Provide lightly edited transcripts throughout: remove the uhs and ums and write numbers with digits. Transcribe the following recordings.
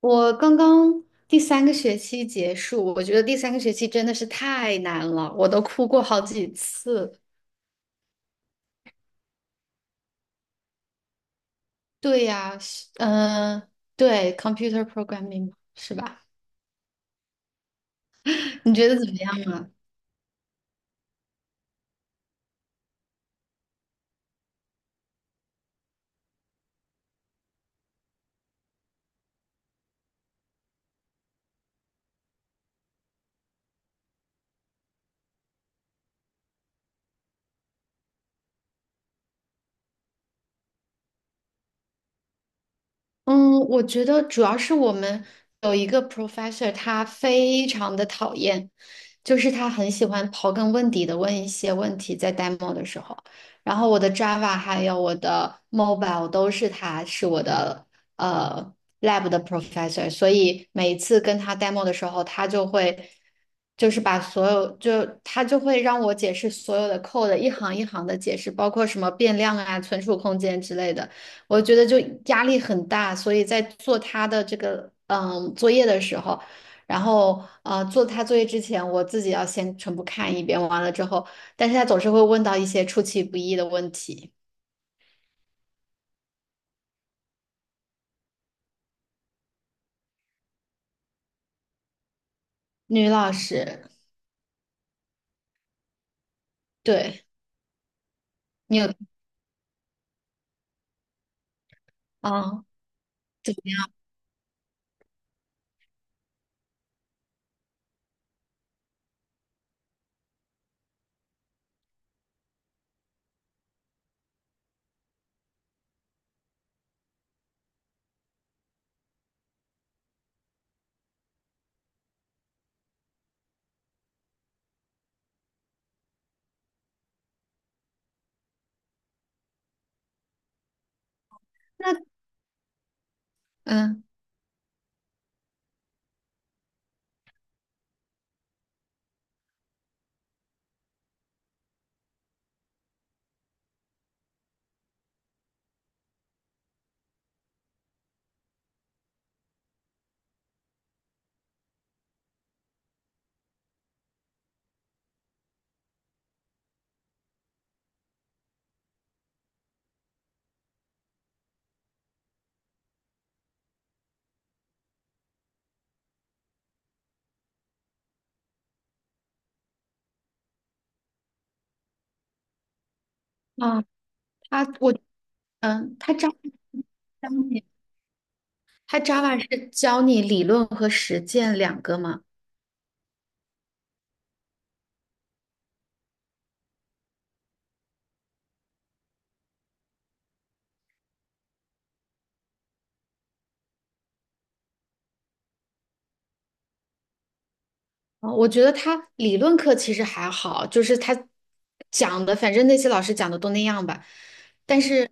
我刚刚第三个学期结束，我觉得第三个学期真的是太难了，我都哭过好几次。对呀，嗯、呃对，computer programming 是吧？你觉得怎么样啊？嗯，我觉得主要是我们有一个 professor，他非常的讨厌，就是他很喜欢刨根问底的问一些问题，在 demo 的时候，然后我的 Java 还有我的 mobile 都是他是我的呃 lab 的 professor，所以每一次跟他 demo 的时候，他就会就是把所有就他就会让我解释所有的 code， 一行一行的解释，包括什么变量啊、存储空间之类的。我觉得就压力很大，所以在做他的这个作业的时候，然后做他作业之前，我自己要先全部看一遍，完了之后，但是他总是会问到一些出其不意的问题。女老师，对。你有啊？对，那嗯啊，他我嗯，他 Java 教你，他 Java 是教你理论和实践两个吗？哦，我觉得他理论课其实还好，就是他讲的，反正那些老师讲的都那样吧。但是，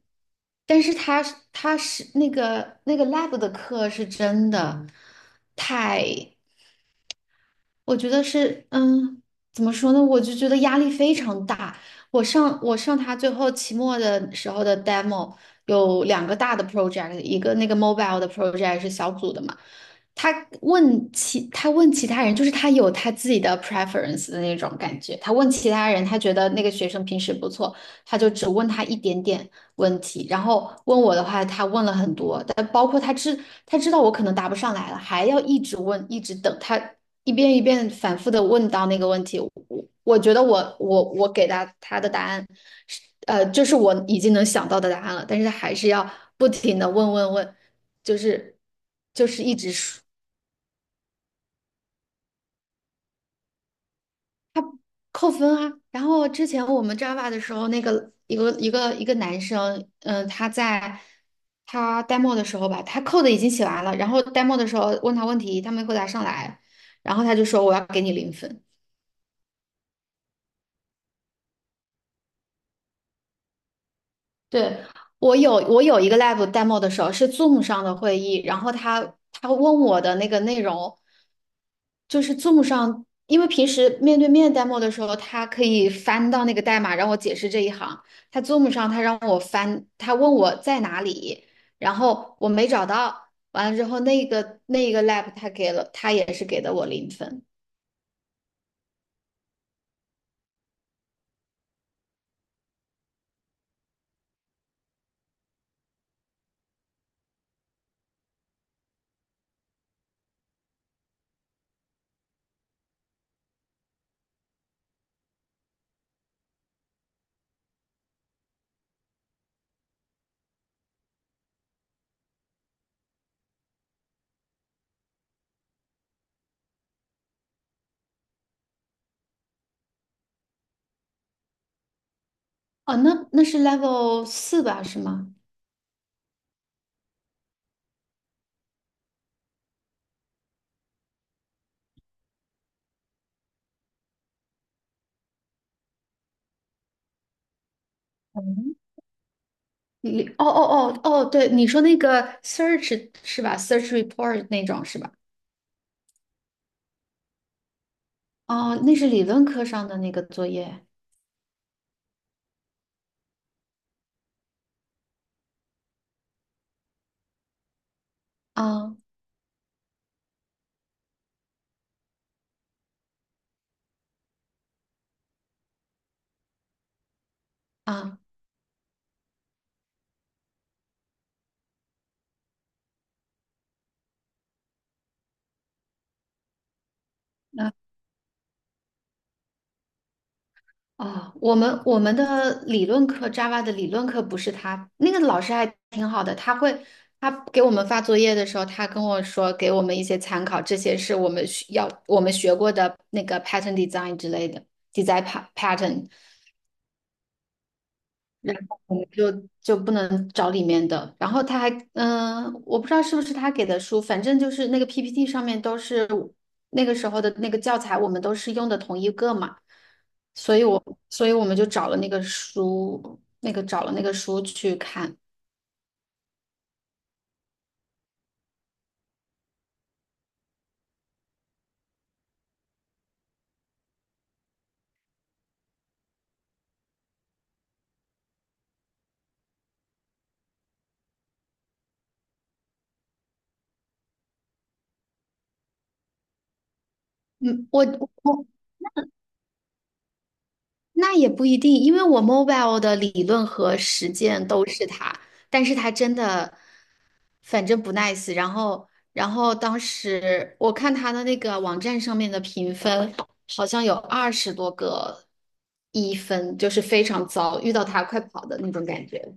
但是他是那个lab 的课是真的太，我觉得是，怎么说呢？我就觉得压力非常大。我上他最后期末的时候的 demo 有两个大的 project，一个那个 mobile 的 project 是小组的嘛。他问其他人，就是他有他自己的 preference 的那种感觉。他问其他人，他觉得那个学生平时不错，他就只问他一点点问题，然后问我的话，他问了很多，但包括他知道我可能答不上来了，还要一直问，一直等他一遍一遍反复的问到那个问题。我觉得我给他他的答案是，就是我已经能想到的答案了，但是他还是要不停的问问问，就是就是一直说。扣分啊。然后之前我们 Java 的时候，那个一个男生，他在他 demo 的时候吧，他 code 已经写完了，然后 demo 的时候问他问题，他没回答上来，然后他就说我要给你零分。对，我有一个 lab demo 的时候是 Zoom 上的会议，然后他问我的那个内容。就是 zoom 上，因为平时面对面 demo 的时候，他可以翻到那个代码让我解释这一行。他 Zoom 上他让我翻，他问我在哪里，然后我没找到。完了之后，那个 lab 他给了，他也是给的我零分。哦，那是 level 四吧？是吗？嗯，你哦哦哦哦，对，你说那个 search 是吧？search report 那种是吧？哦，那是理论课上的那个作业。啊啊，哦，我们的理论课，Java 的理论课不是他，那个老师还挺好的，他给我们发作业的时候，他跟我说给我们一些参考，这些是我们需要我们学过的那个 pattern design 之类的 design pattern。然后我们就不能找里面的。然后他还，我不知道是不是他给的书，反正就是那个 PPT 上面都是那个时候的那个教材，我们都是用的同一个嘛，所以我所以我们就找了那个书，那个找了那个书去看。嗯，我我那也不一定，因为我 mobile 的理论和实践都是他，但是他真的，反正不 nice。然后当时我看他的那个网站上面的评分，好像有20多个1分，就是非常糟，遇到他快跑的那种感觉。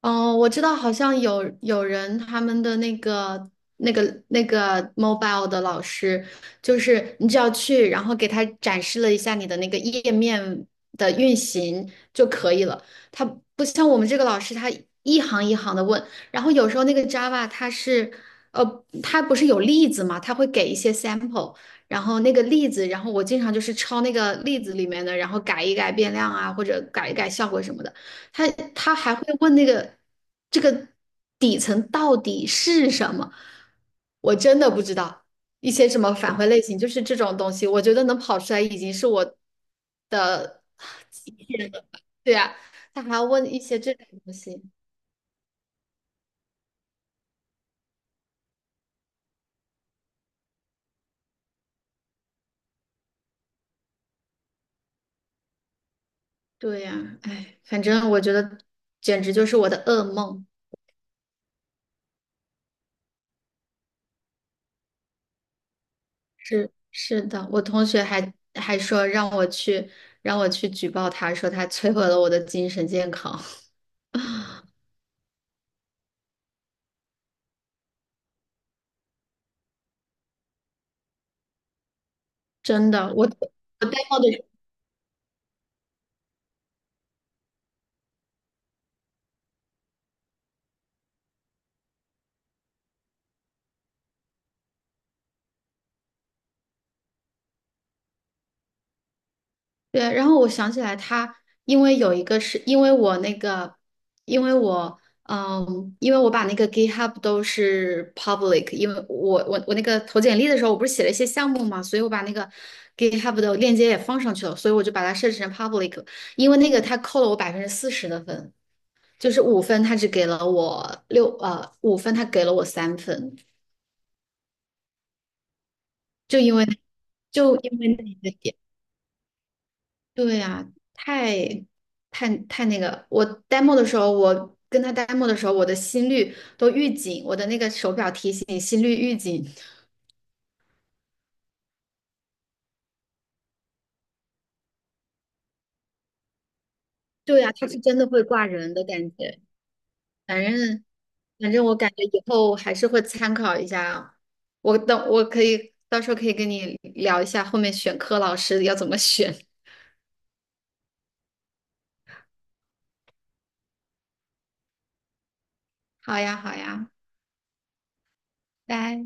哦，我知道，好像有人他们的那个那个 mobile 的老师，就是你只要去，然后给他展示了一下你的那个页面的运行就可以了。他不像我们这个老师，他一行一行的问，然后有时候那个 Java 呃，它不是有例子嘛，它会给一些 sample，然后那个例子，然后我经常就是抄那个例子里面的，然后改一改变量啊，或者改一改效果什么的。他他还会问那个这个底层到底是什么？我真的不知道一些什么返回类型，就是这种东西，我觉得能跑出来已经是我，对呀，他还要问一些这种东西，对呀，哎，反正我觉得简直就是我的噩梦。是是的，我同学还说让我去举报他，说他摧毁了我的精神健康。真的，我 d 帽 m o 的对，然后我想起来他，因为有一个是因为我那个，因为我把那个 GitHub 都是 public,因为我那个投简历的时候，我不是写了一些项目嘛，所以我把那个 GitHub 的链接也放上去了，所以我就把它设置成 public，因为那个他扣了我40%的分，就是五分，他只给了我五分，他给了我3分，就因为就因为那个，对呀，太太太那个！我 demo 的时候，我跟他 demo 的时候，我的心率都预警，我的那个手表提醒心率预警。对呀，他是真的会挂人的感觉。反正反正我感觉以后还是会参考一下啊。我等我可以到时候可以跟你聊一下后面选科老师要怎么选。好呀，好呀，拜。